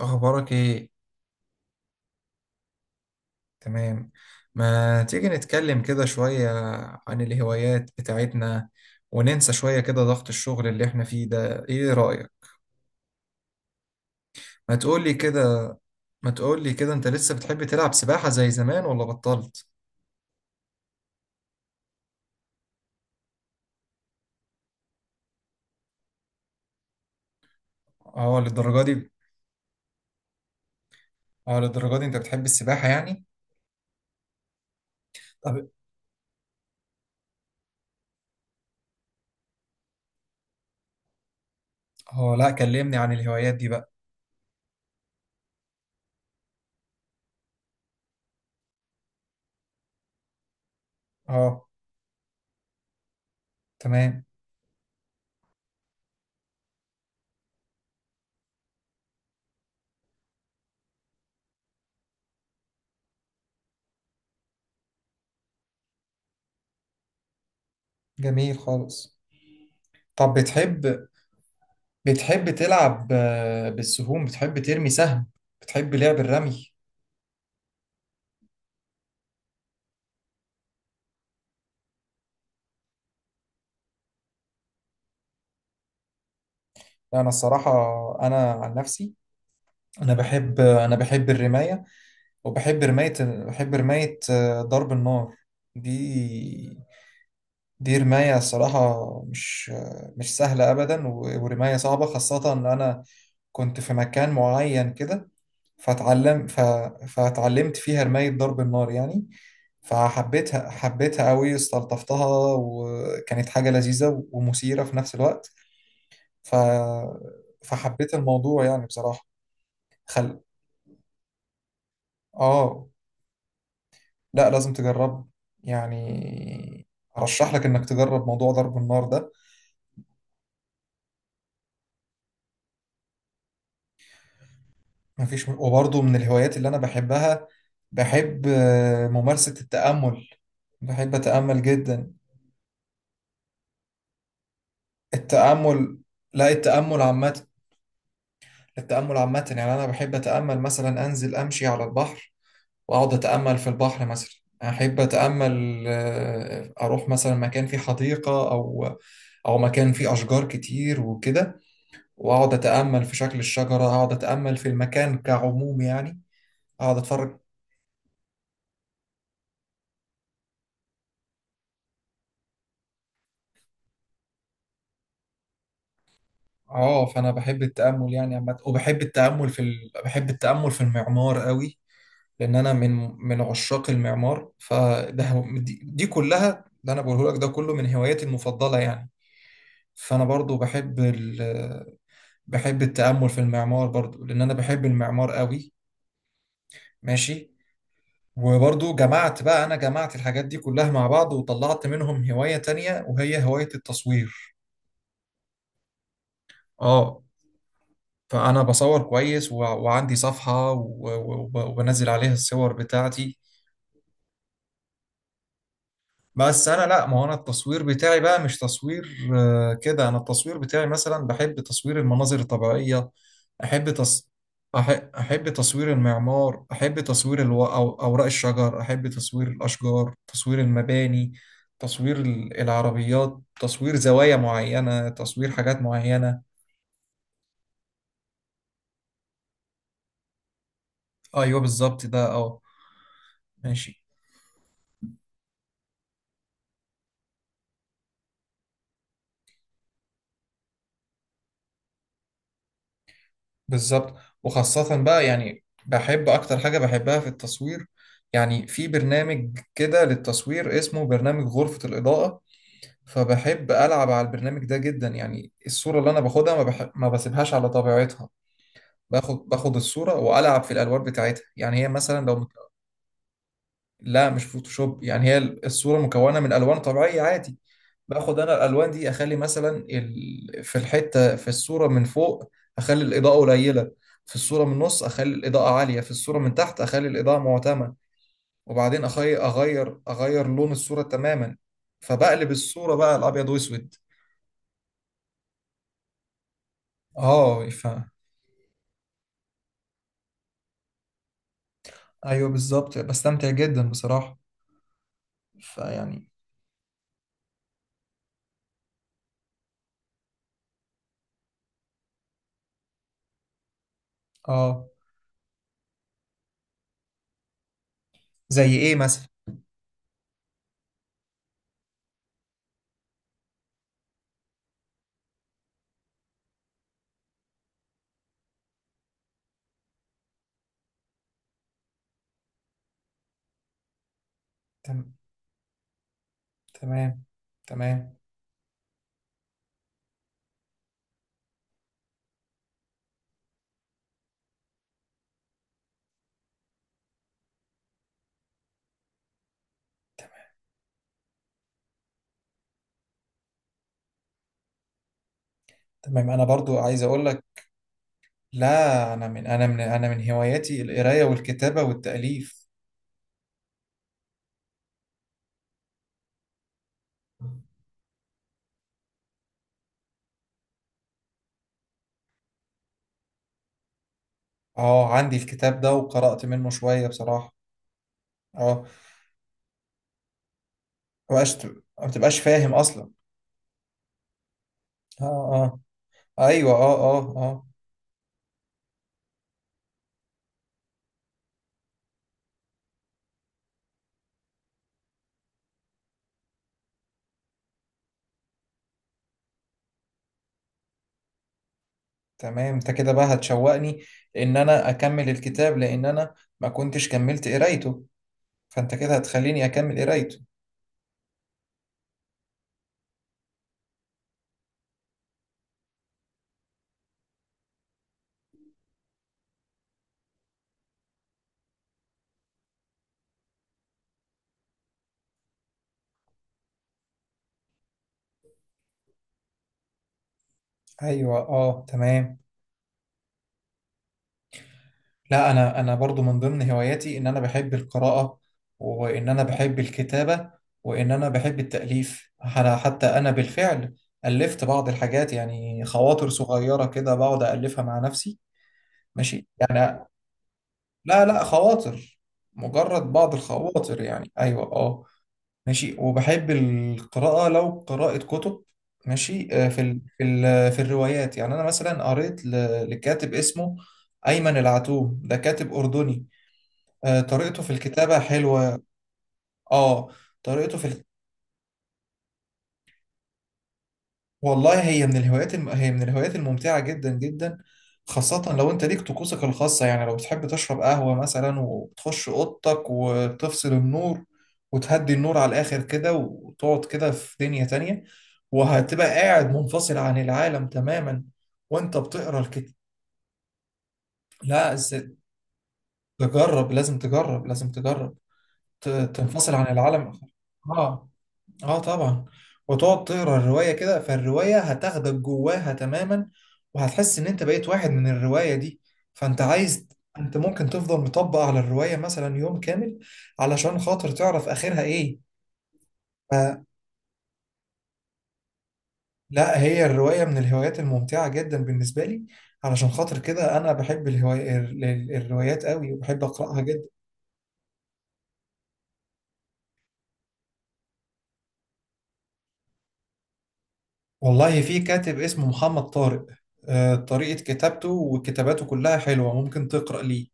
أخبارك إيه؟ تمام. ما تيجي نتكلم كده شوية عن الهوايات بتاعتنا وننسى شوية كده ضغط الشغل اللي إحنا فيه ده، إيه رأيك؟ ما تقولي كده. ما تقولي كده، أنت لسه بتحب تلعب سباحة زي زمان ولا بطلت؟ أه، للدرجة دي. أه، للدرجة دي، أنت بتحب السباحة يعني؟ طب. أه، لأ، كلمني عن الهوايات دي بقى. أه. تمام. جميل خالص. طب بتحب تلعب بالسهوم، بتحب ترمي سهم؟ بتحب لعب الرمي؟ لا، انا الصراحه، انا عن نفسي، انا بحب الرمايه، وبحب رمايه ضرب النار دي. دي رمايه الصراحه، مش سهله ابدا، ورمايه صعبه، خاصه ان انا كنت في مكان معين كده. فتعلم ف... فتعلمت فيها رمايه ضرب النار يعني. فحبيتها قوي، استلطفتها، وكانت حاجه لذيذه ومثيره في نفس الوقت. ف... فحبيت الموضوع يعني بصراحه. خل اه. لا، لازم تجرب يعني، ارشح لك انك تجرب موضوع ضرب النار ده. مفيش، وبرضه من الهوايات اللي انا بحبها، بحب ممارسة التأمل. بحب أتأمل جدا. التأمل. لا، التأمل عامة. التأمل عامة، يعني أنا بحب أتأمل مثلا أنزل أمشي على البحر، وأقعد أتأمل في البحر مثلا. أحب أتأمل، أروح مثلا مكان فيه حديقة، أو مكان فيه أشجار كتير وكده. واقعد اتامل في شكل الشجره، اقعد اتامل في المكان كعموم يعني، اقعد اتفرج. اه، فانا بحب التامل يعني عامه، وبحب التامل بحب التامل في المعمار قوي، لان انا من عشاق المعمار. فده دي كلها اللي انا بقوله لك، ده كله من هواياتي المفضله يعني. فانا برضو بحب بحب التامل في المعمار برضو، لان انا بحب المعمار قوي. ماشي. وبرضو جمعت بقى، أنا جمعت الحاجات دي كلها مع بعض وطلعت منهم هواية تانية وهي هواية التصوير. اه، فانا بصور كويس، وعندي صفحة، وبنزل عليها الصور بتاعتي. بس انا، لا، ما هو انا التصوير بتاعي بقى مش تصوير كده. انا التصوير بتاعي مثلا بحب تصوير المناظر الطبيعية. احب تص... أح... احب تصوير المعمار، احب تصوير اوراق الشجر، احب تصوير الاشجار، تصوير المباني، تصوير العربيات، تصوير زوايا معينة، تصوير حاجات معينة. ايوه بالظبط ده اه. ماشي. بالظبط. وخاصة بقى يعني بحب أكتر حاجة بحبها في التصوير، يعني في برنامج كده للتصوير اسمه برنامج غرفة الإضاءة. فبحب ألعب على البرنامج ده جدا. يعني الصورة اللي أنا باخدها ما بسيبهاش على طبيعتها. باخد الصورة وألعب في الألوان بتاعتها، يعني هي مثلا لو. لا مش فوتوشوب، يعني هي الصورة مكونة من ألوان طبيعية عادي. باخد أنا الألوان دي، أخلي مثلا في الحتة في الصورة من فوق أخلي الإضاءة قليلة، في الصورة من النص أخلي الإضاءة عالية، في الصورة من تحت أخلي الإضاءة معتمة. وبعدين أغير لون الصورة تماما، فبقلب الصورة بقى الأبيض وأسود. اه أيوه بالظبط، بستمتع جدا بصراحة. فيعني. اه. زي إيه مثلا؟ تم- تمام. تمام. تمام. انا برضو عايز اقول لك، لا انا من هواياتي القرايه والكتابه والتاليف. اه، عندي الكتاب ده وقرات منه شويه بصراحه. اه. ما بتبقاش فاهم اصلا. اه. اه. ايوه اه اه اه. تمام، انت كده بقى هتشوقني ان انا اكمل الكتاب، لان انا ما كنتش كملت قرايته، فانت كده هتخليني اكمل قرايته. ايوه اه. تمام. لا، انا برضو من ضمن هواياتي ان انا بحب القراءة، وان انا بحب الكتابة، وان انا بحب التأليف. حتى انا بالفعل ألفت بعض الحاجات، يعني خواطر صغيرة كده بقعد ألفها مع نفسي. ماشي يعني. لا لا، خواطر. مجرد بعض الخواطر يعني، ايوه اه. ماشي. وبحب القراءة، لو قراءة كتب. ماشي. في الروايات، يعني انا مثلا قريت لكاتب اسمه أيمن العتوم، ده كاتب أردني. طريقته في الكتابة حلوة. اه، طريقته والله، هي من الهوايات الممتعة جدا جدا، خاصة لو انت ليك طقوسك الخاصة. يعني لو بتحب تشرب قهوة مثلا وتخش اوضتك وتفصل النور، وتهدي النور على الاخر كده، وتقعد كده في دنيا تانية، وهتبقى قاعد منفصل عن العالم تماما وانت بتقرا الكتاب. لا إز- تجرب، لازم تجرب، تنفصل عن العالم. اه. اه طبعا. وتقعد تقرا الرواية كده، فالرواية هتاخدك جواها تماما، وهتحس ان انت بقيت واحد من الرواية دي. فانت عايز. انت ممكن تفضل مطبق على الرواية مثلا يوم كامل علشان خاطر تعرف اخرها ايه. ف- لا، هي الرواية من الهوايات الممتعة جدا بالنسبة لي، علشان خاطر كده انا بحب الهواية الروايات قوي، وبحب اقراها جدا. والله في كاتب اسمه محمد طارق. طريقة كتابته وكتاباته كلها حلوة، ممكن تقرأ ليه.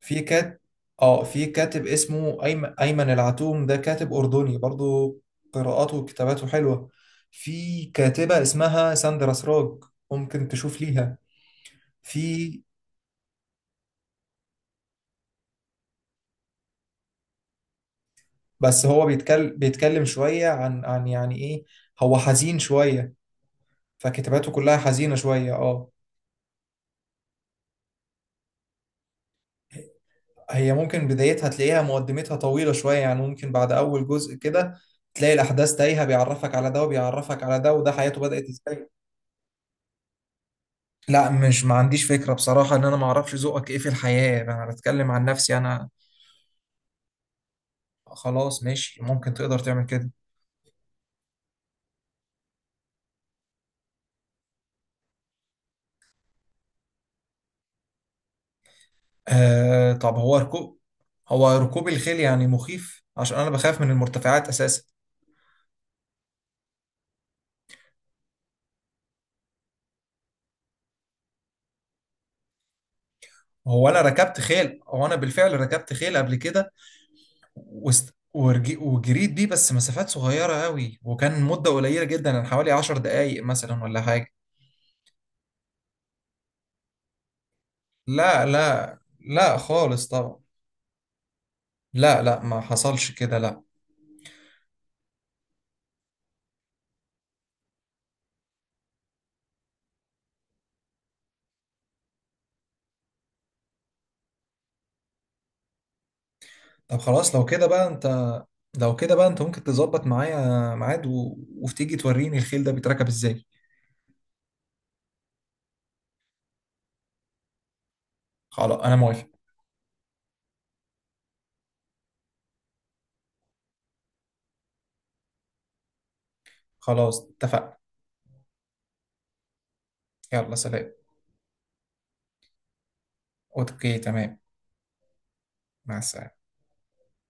في كات اه، في كاتب اسمه أيمن العتوم، ده كاتب أردني برضو، قراءاته وكتاباته حلوة. في كاتبة اسمها ساندرا سراج، ممكن تشوف ليها. في بس هو بيتكلم شوية عن يعني إيه، هو حزين شوية، فكتاباته كلها حزينة شوية اه. هي ممكن بدايتها تلاقيها مقدمتها طويلة شوية، يعني ممكن بعد أول جزء كده تلاقي الأحداث تايهة، بيعرفك على ده وبيعرفك على ده وده حياته بدأت إزاي. لا، مش، ما عنديش فكرة بصراحة، ان انا ما اعرفش ذوقك ايه في الحياة، انا بتكلم عن نفسي انا. خلاص ماشي، ممكن تقدر تعمل كده. آه طب هو ركوب هو ركوب الخيل يعني مخيف، عشان انا بخاف من المرتفعات اساسا. هو انا بالفعل ركبت خيل قبل كده وجريت بيه، بس مسافات صغيرة قوي، وكان مدة قليلة جدا، يعني حوالي 10 دقايق مثلا ولا حاجة. لا لا لا، خالص طبعا. لا لا، ما حصلش كده، لا. طب خلاص لو كده بقى انت لو كده بقى انت ممكن تظبط معايا ميعاد، وتيجي توريني الخيل ده بيتركب ازاي. خلاص انا موافق. خلاص اتفقنا. يلا سلام. اوكي تمام. مع السلامة.